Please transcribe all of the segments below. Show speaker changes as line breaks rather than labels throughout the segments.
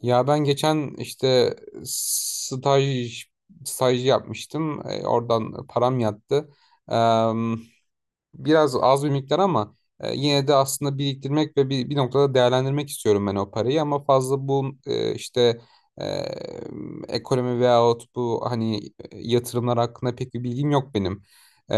Ya ben geçen işte staj staj yapmıştım. Oradan param yattı. Biraz az bir miktar ama yine de aslında biriktirmek ve bir noktada değerlendirmek istiyorum ben o parayı ama fazla bu e, ekonomi veyahut bu hani yatırımlar hakkında pek bir bilgim yok benim. E,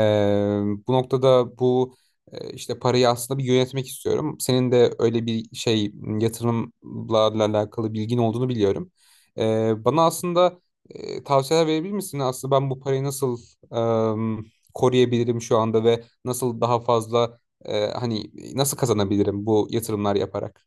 Bu noktada bu parayı aslında bir yönetmek istiyorum. Senin de öyle bir şey yatırımlarla alakalı bilgin olduğunu biliyorum. Bana aslında tavsiyeler verebilir misin? Aslında ben bu parayı nasıl e, koruyabilirim şu anda ve nasıl daha fazla nasıl kazanabilirim bu yatırımlar yaparak?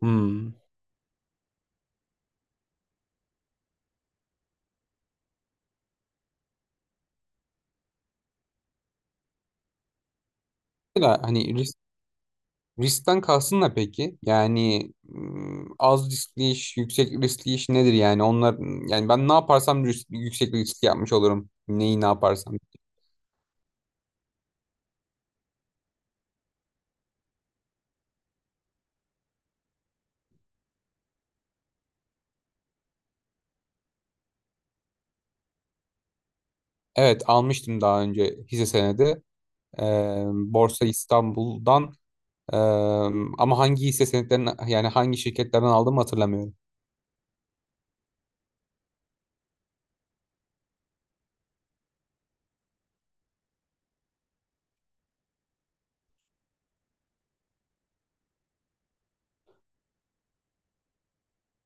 Hmm. Mesela hani riskten kalsın da peki? Yani az riskli iş, yüksek riskli iş nedir yani? Onlar yani ben ne yaparsam yüksek risk yapmış olurum. Neyi ne yaparsam. Evet, almıştım daha önce hisse senedi. Borsa İstanbul'dan eee, ama hangi hisse senetlerini yani hangi şirketlerden aldım hatırlamıyorum.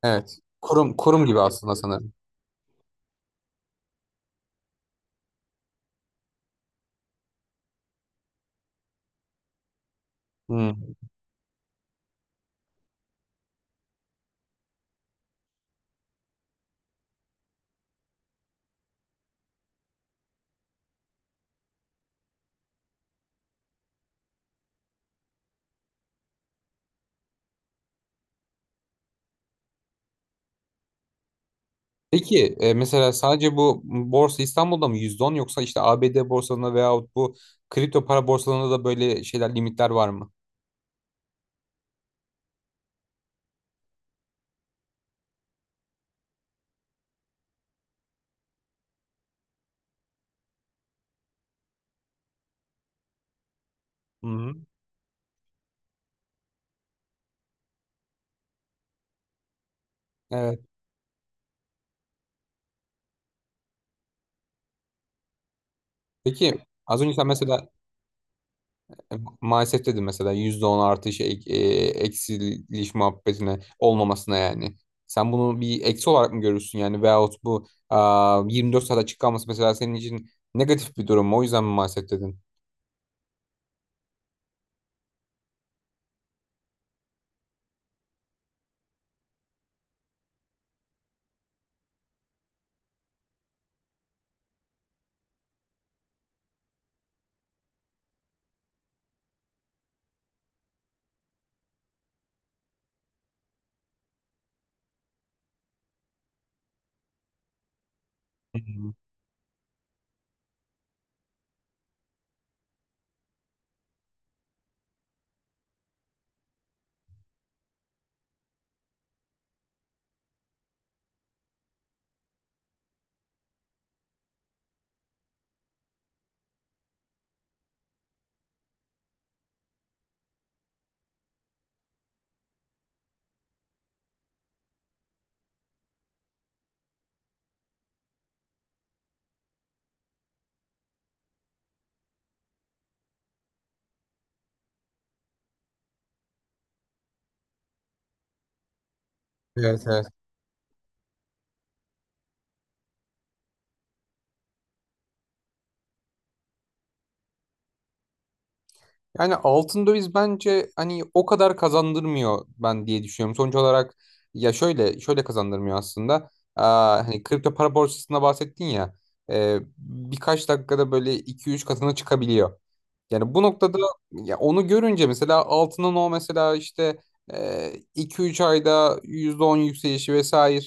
Evet. Kurum kurum gibi aslında sanırım. Hmm. Peki mesela sadece bu borsa İstanbul'da mı %10 yoksa işte ABD borsalarında veyahut bu kripto para borsalarında da böyle şeyler limitler var mı? Hı-hı. Evet. Peki az önce sen mesela e, maalesef dedin mesela %10 artış eksiliş muhabbetine olmamasına yani. Sen bunu bir eksi olarak mı görürsün yani veyahut 24 saat açık kalması mesela senin için negatif bir durum mu? O yüzden mi maalesef dedin? Hı hı. Evet, evet. Yani altın döviz bence hani o kadar kazandırmıyor ben diye düşünüyorum. Sonuç olarak ya şöyle kazandırmıyor aslında. Aa, hani kripto para borsasında bahsettin ya, birkaç dakikada böyle iki üç katına çıkabiliyor. Yani bu noktada ya onu görünce mesela altının o mesela işte iki üç ayda %10 yükselişi vesaire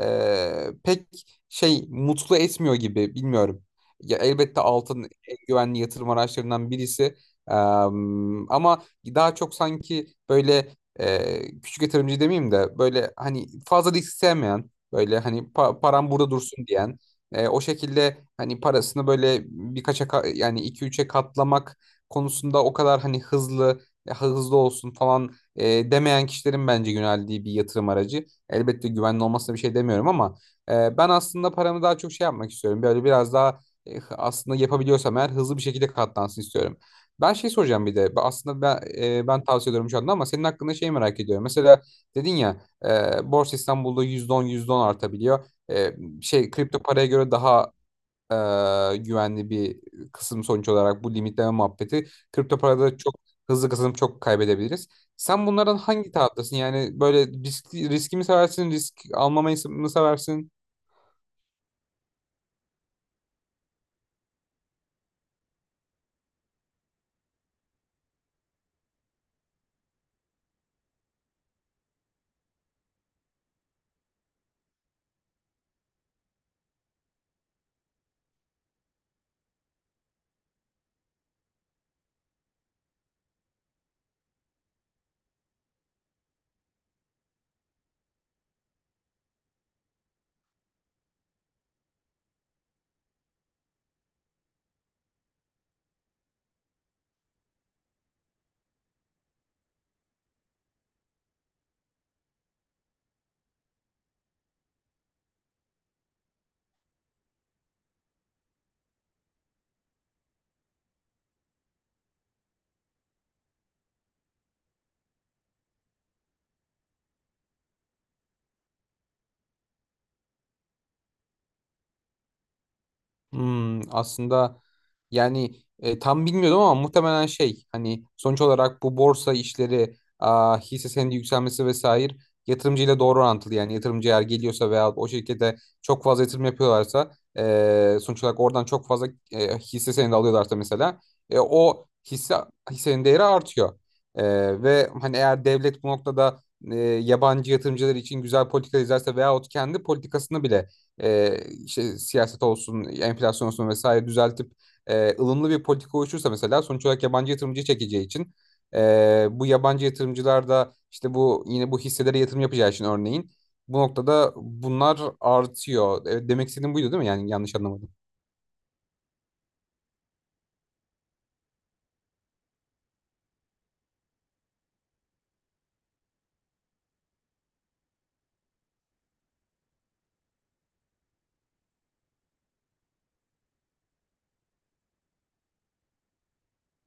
pek şey mutlu etmiyor gibi bilmiyorum. Ya elbette altın en güvenli yatırım araçlarından birisi. Ama daha çok sanki böyle küçük yatırımcı demeyeyim de böyle hani fazla risk sevmeyen böyle hani param burada dursun diyen o şekilde hani parasını böyle yani 2-3'e katlamak konusunda o kadar hani hızlı olsun falan demeyen kişilerin bence yöneldiği bir yatırım aracı. Elbette güvenli olmasına bir şey demiyorum ama ben aslında paramı daha çok şey yapmak istiyorum. Böyle biraz daha aslında yapabiliyorsam eğer hızlı bir şekilde katlansın istiyorum. Ben şey soracağım bir de. Aslında ben tavsiye ediyorum şu anda ama senin hakkında şey merak ediyorum. Mesela dedin ya, Borsa İstanbul'da yüzde on artabiliyor. Şey kripto paraya göre daha güvenli bir kısım sonuç olarak bu limitleme muhabbeti. Kripto parada çok hızlı kazanıp çok kaybedebiliriz. Sen bunlardan hangi taraftasın? Yani böyle riski mi seversin, risk almamayı mı seversin? Hmm, aslında yani tam bilmiyordum ama muhtemelen şey hani sonuç olarak bu borsa işleri hisse senedi yükselmesi vesaire yatırımcıyla doğru orantılı yani yatırımcı eğer geliyorsa veya o şirkete çok fazla yatırım yapıyorlarsa sonuç olarak oradan çok fazla hisse senedi alıyorlarsa mesela o hisse hissenin değeri artıyor. E, Ve hani eğer devlet bu noktada yabancı yatırımcılar için güzel politika izlerse veyahut kendi politikasını bile e, işte siyaset olsun, enflasyon olsun vesaire düzeltip ılımlı bir politika oluşursa mesela sonuç olarak yabancı yatırımcı çekeceği için bu yabancı yatırımcılar da işte bu yine bu hisselere yatırım yapacağı için örneğin bu noktada bunlar artıyor. Demek istediğim buydu değil mi? Yani yanlış anlamadım.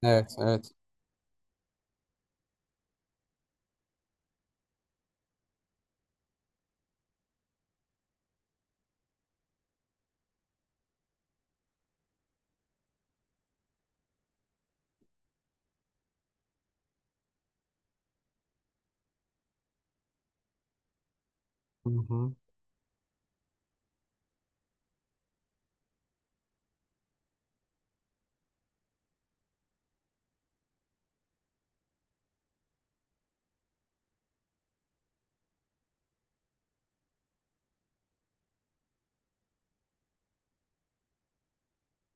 Evet, evet. Hı hı.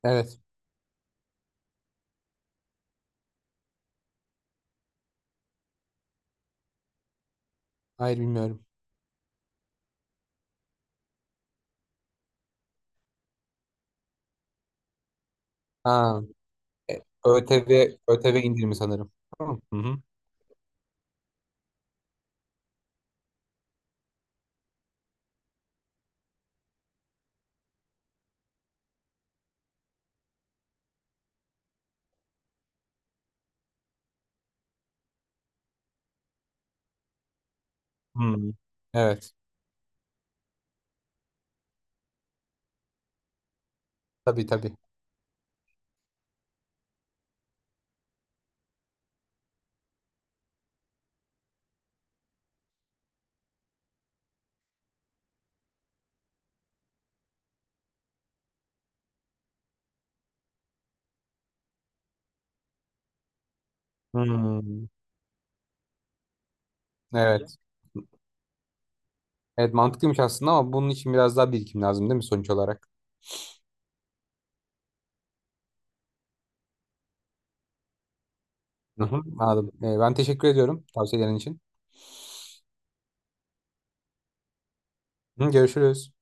Evet. Hayır, bilmiyorum. Ha, e, ÖTV indirimi sanırım. Tamam. Hı hı. Hı. Evet. Tabii, tabii. Hmm, evet. Evet, mantıklıymış aslında ama bunun için biraz daha birikim lazım değil mi sonuç olarak? Hı hı, anladım. Ben teşekkür ediyorum tavsiyelerin için. Hı, görüşürüz.